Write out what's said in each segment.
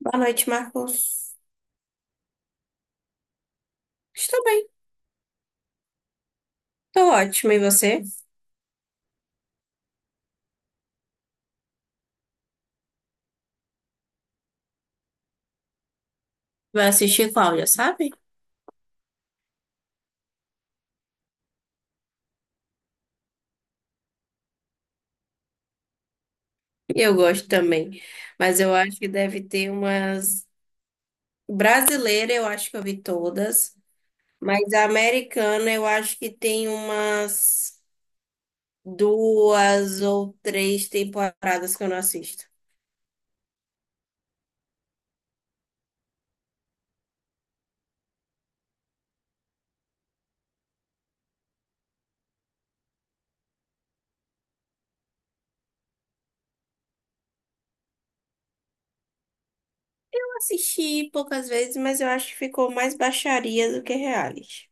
Boa noite, Marcos. Estou bem, estou ótima. E você? Vai assistir qual, já sabe? Eu gosto também. Mas eu acho que deve ter umas. Brasileira, eu acho que eu vi todas. Mas a americana, eu acho que tem umas duas ou três temporadas que eu não assisto. Eu assisti poucas vezes, mas eu acho que ficou mais baixaria do que reality.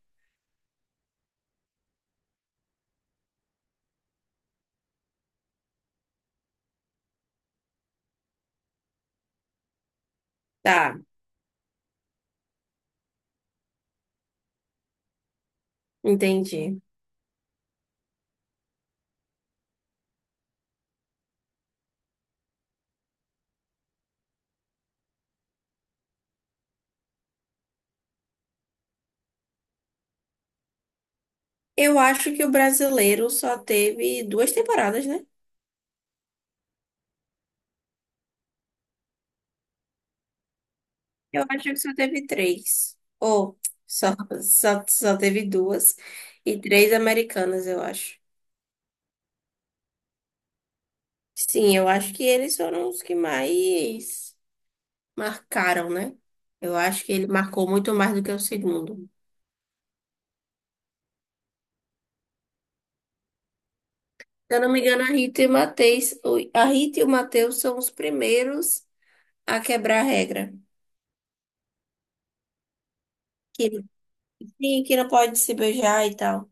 Tá, entendi. Eu acho que o brasileiro só teve duas temporadas, né? Eu acho que só teve três. Ou só, só, só teve duas. E três americanas, eu acho. Sim, eu acho que eles foram os que mais marcaram, né? Eu acho que ele marcou muito mais do que o segundo. Se eu não me engano, a Rita e o Matheus, a Rita e o Matheus são os primeiros a quebrar a regra. Que, sim, que não pode se beijar e tal.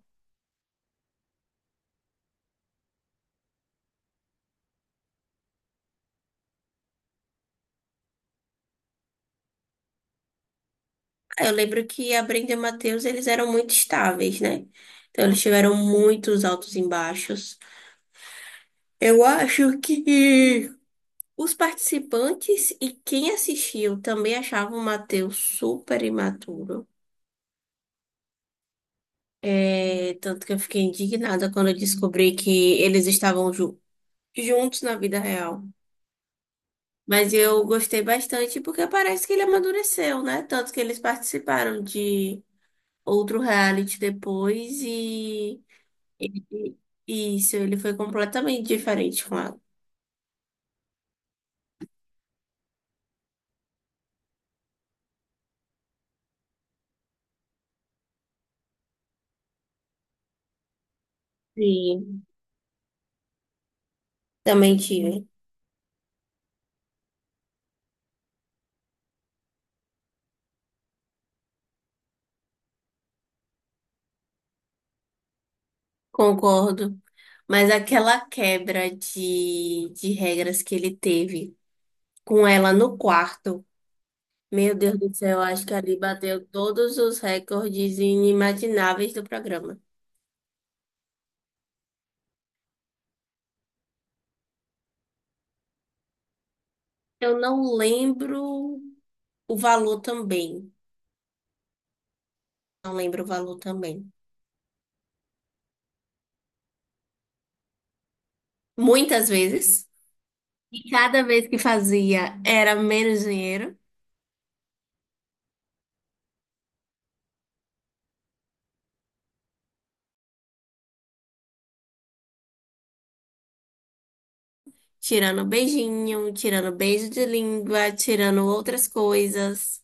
Eu lembro que a Brenda e o Matheus, eles eram muito estáveis, né? Então, eles tiveram muitos altos e baixos. Eu acho que os participantes e quem assistiu também achavam o Matheus super imaturo. É, tanto que eu fiquei indignada quando eu descobri que eles estavam juntos na vida real. Mas eu gostei bastante porque parece que ele amadureceu, né? Tanto que eles participaram de outro reality depois e isso, ele foi completamente diferente com ela. Sim, também tive. Concordo. Mas aquela quebra de regras que ele teve com ela no quarto, meu Deus do céu, acho que ali bateu todos os recordes inimagináveis do programa. Eu não lembro o valor também. Não lembro o valor também. Muitas vezes. E cada vez que fazia era menos dinheiro, tirando beijinho, tirando beijo de língua, tirando outras coisas.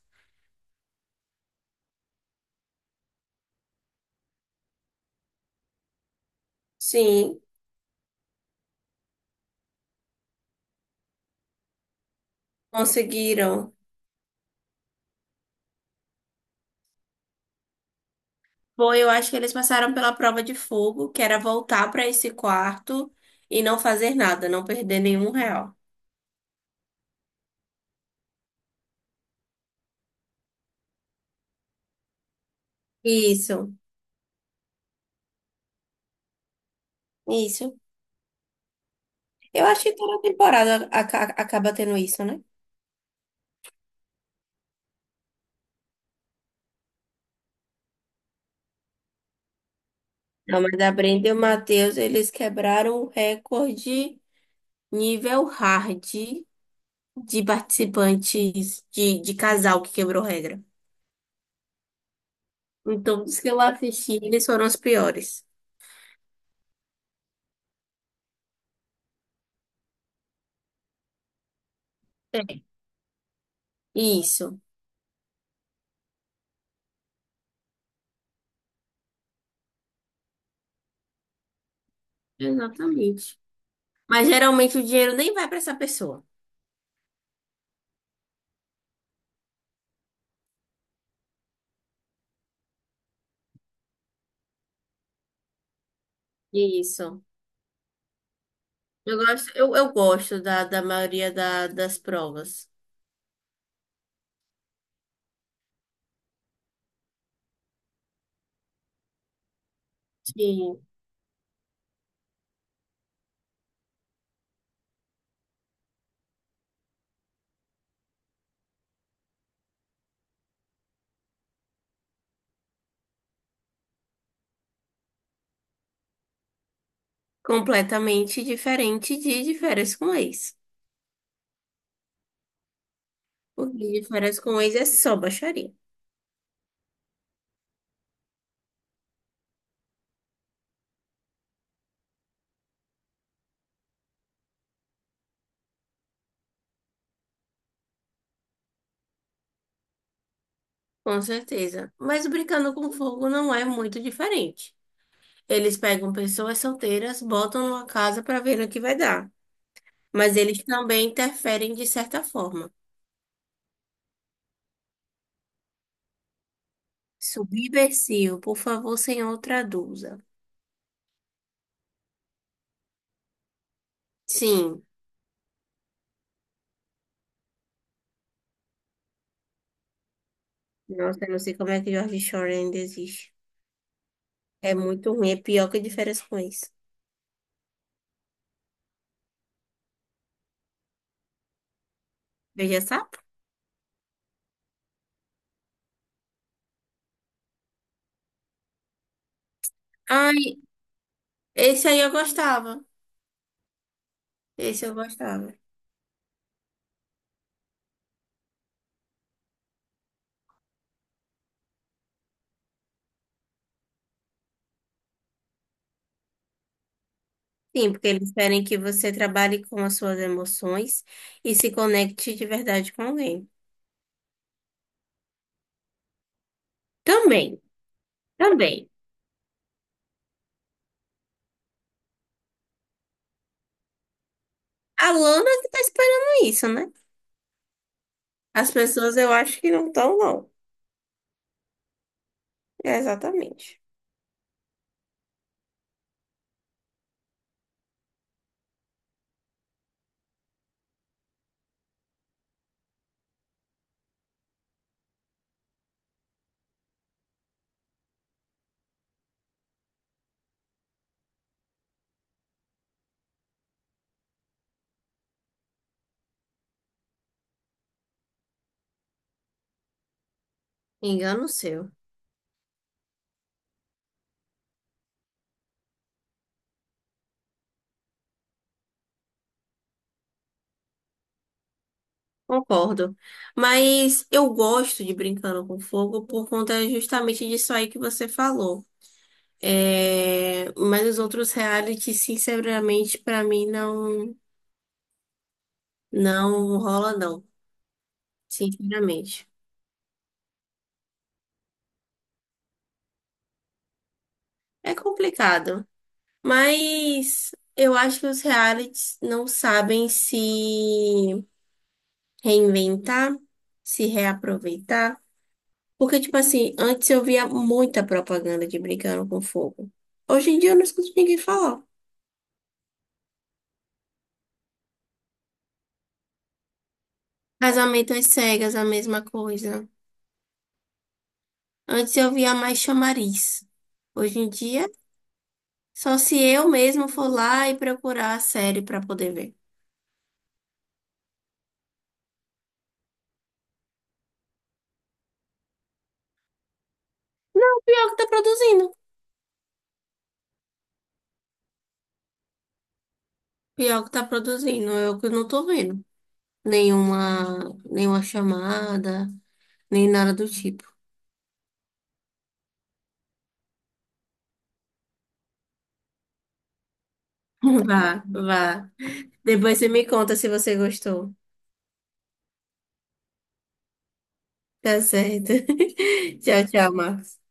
Sim, conseguiram. Foi, eu acho que eles passaram pela prova de fogo, que era voltar para esse quarto e não fazer nada, não perder nenhum real. Isso, isso. Eu acho que toda temporada acaba tendo isso, né? Não, mas a Brenda e o Matheus, eles quebraram o recorde nível hard de participantes de casal que quebrou regra. Então, os que eu assisti, eles foram os piores. É. Isso, exatamente. Mas geralmente o dinheiro nem vai para essa pessoa. Isso. Eu gosto, eu gosto da maioria das provas. Sim. Completamente diferente de férias com ex. Porque de férias com ex é só baixaria. Com certeza. Mas brincando com fogo não é muito diferente. Eles pegam pessoas solteiras, botam numa casa para ver no que vai dar. Mas eles também interferem de certa forma. Subversivo, por favor, senhor, traduza. Sim. Nossa, eu não sei como é que George Shore ainda existe. É muito ruim, é pior que de férias com ex. Veja sapo. Ai, esse aí eu gostava. Esse eu gostava. Sim, porque eles querem que você trabalhe com as suas emoções e se conecte de verdade com alguém. Também, também. A Lana que tá esperando isso, né? As pessoas eu acho que não estão, não. É, exatamente. Engano seu. Concordo. Mas eu gosto de Brincando com Fogo por conta justamente disso aí que você falou. É, mas os outros reality, sinceramente, pra mim não não rola não, sinceramente. É complicado, mas eu acho que os realities não sabem se reinventar, se reaproveitar, porque tipo assim, antes eu via muita propaganda de Brincando com Fogo. Hoje em dia eu não escuto ninguém falar. Casamento às cegas, a mesma coisa. Antes eu via mais chamariz. Hoje em dia só se eu mesmo for lá e procurar a série pra poder ver. O pior que tá produzindo. Pior que tá produzindo, eu que não tô vendo. Nenhuma chamada, nem nada do tipo. Vá, vá. Depois você me conta se você gostou. Tá certo. Tchau, tchau, Marcos.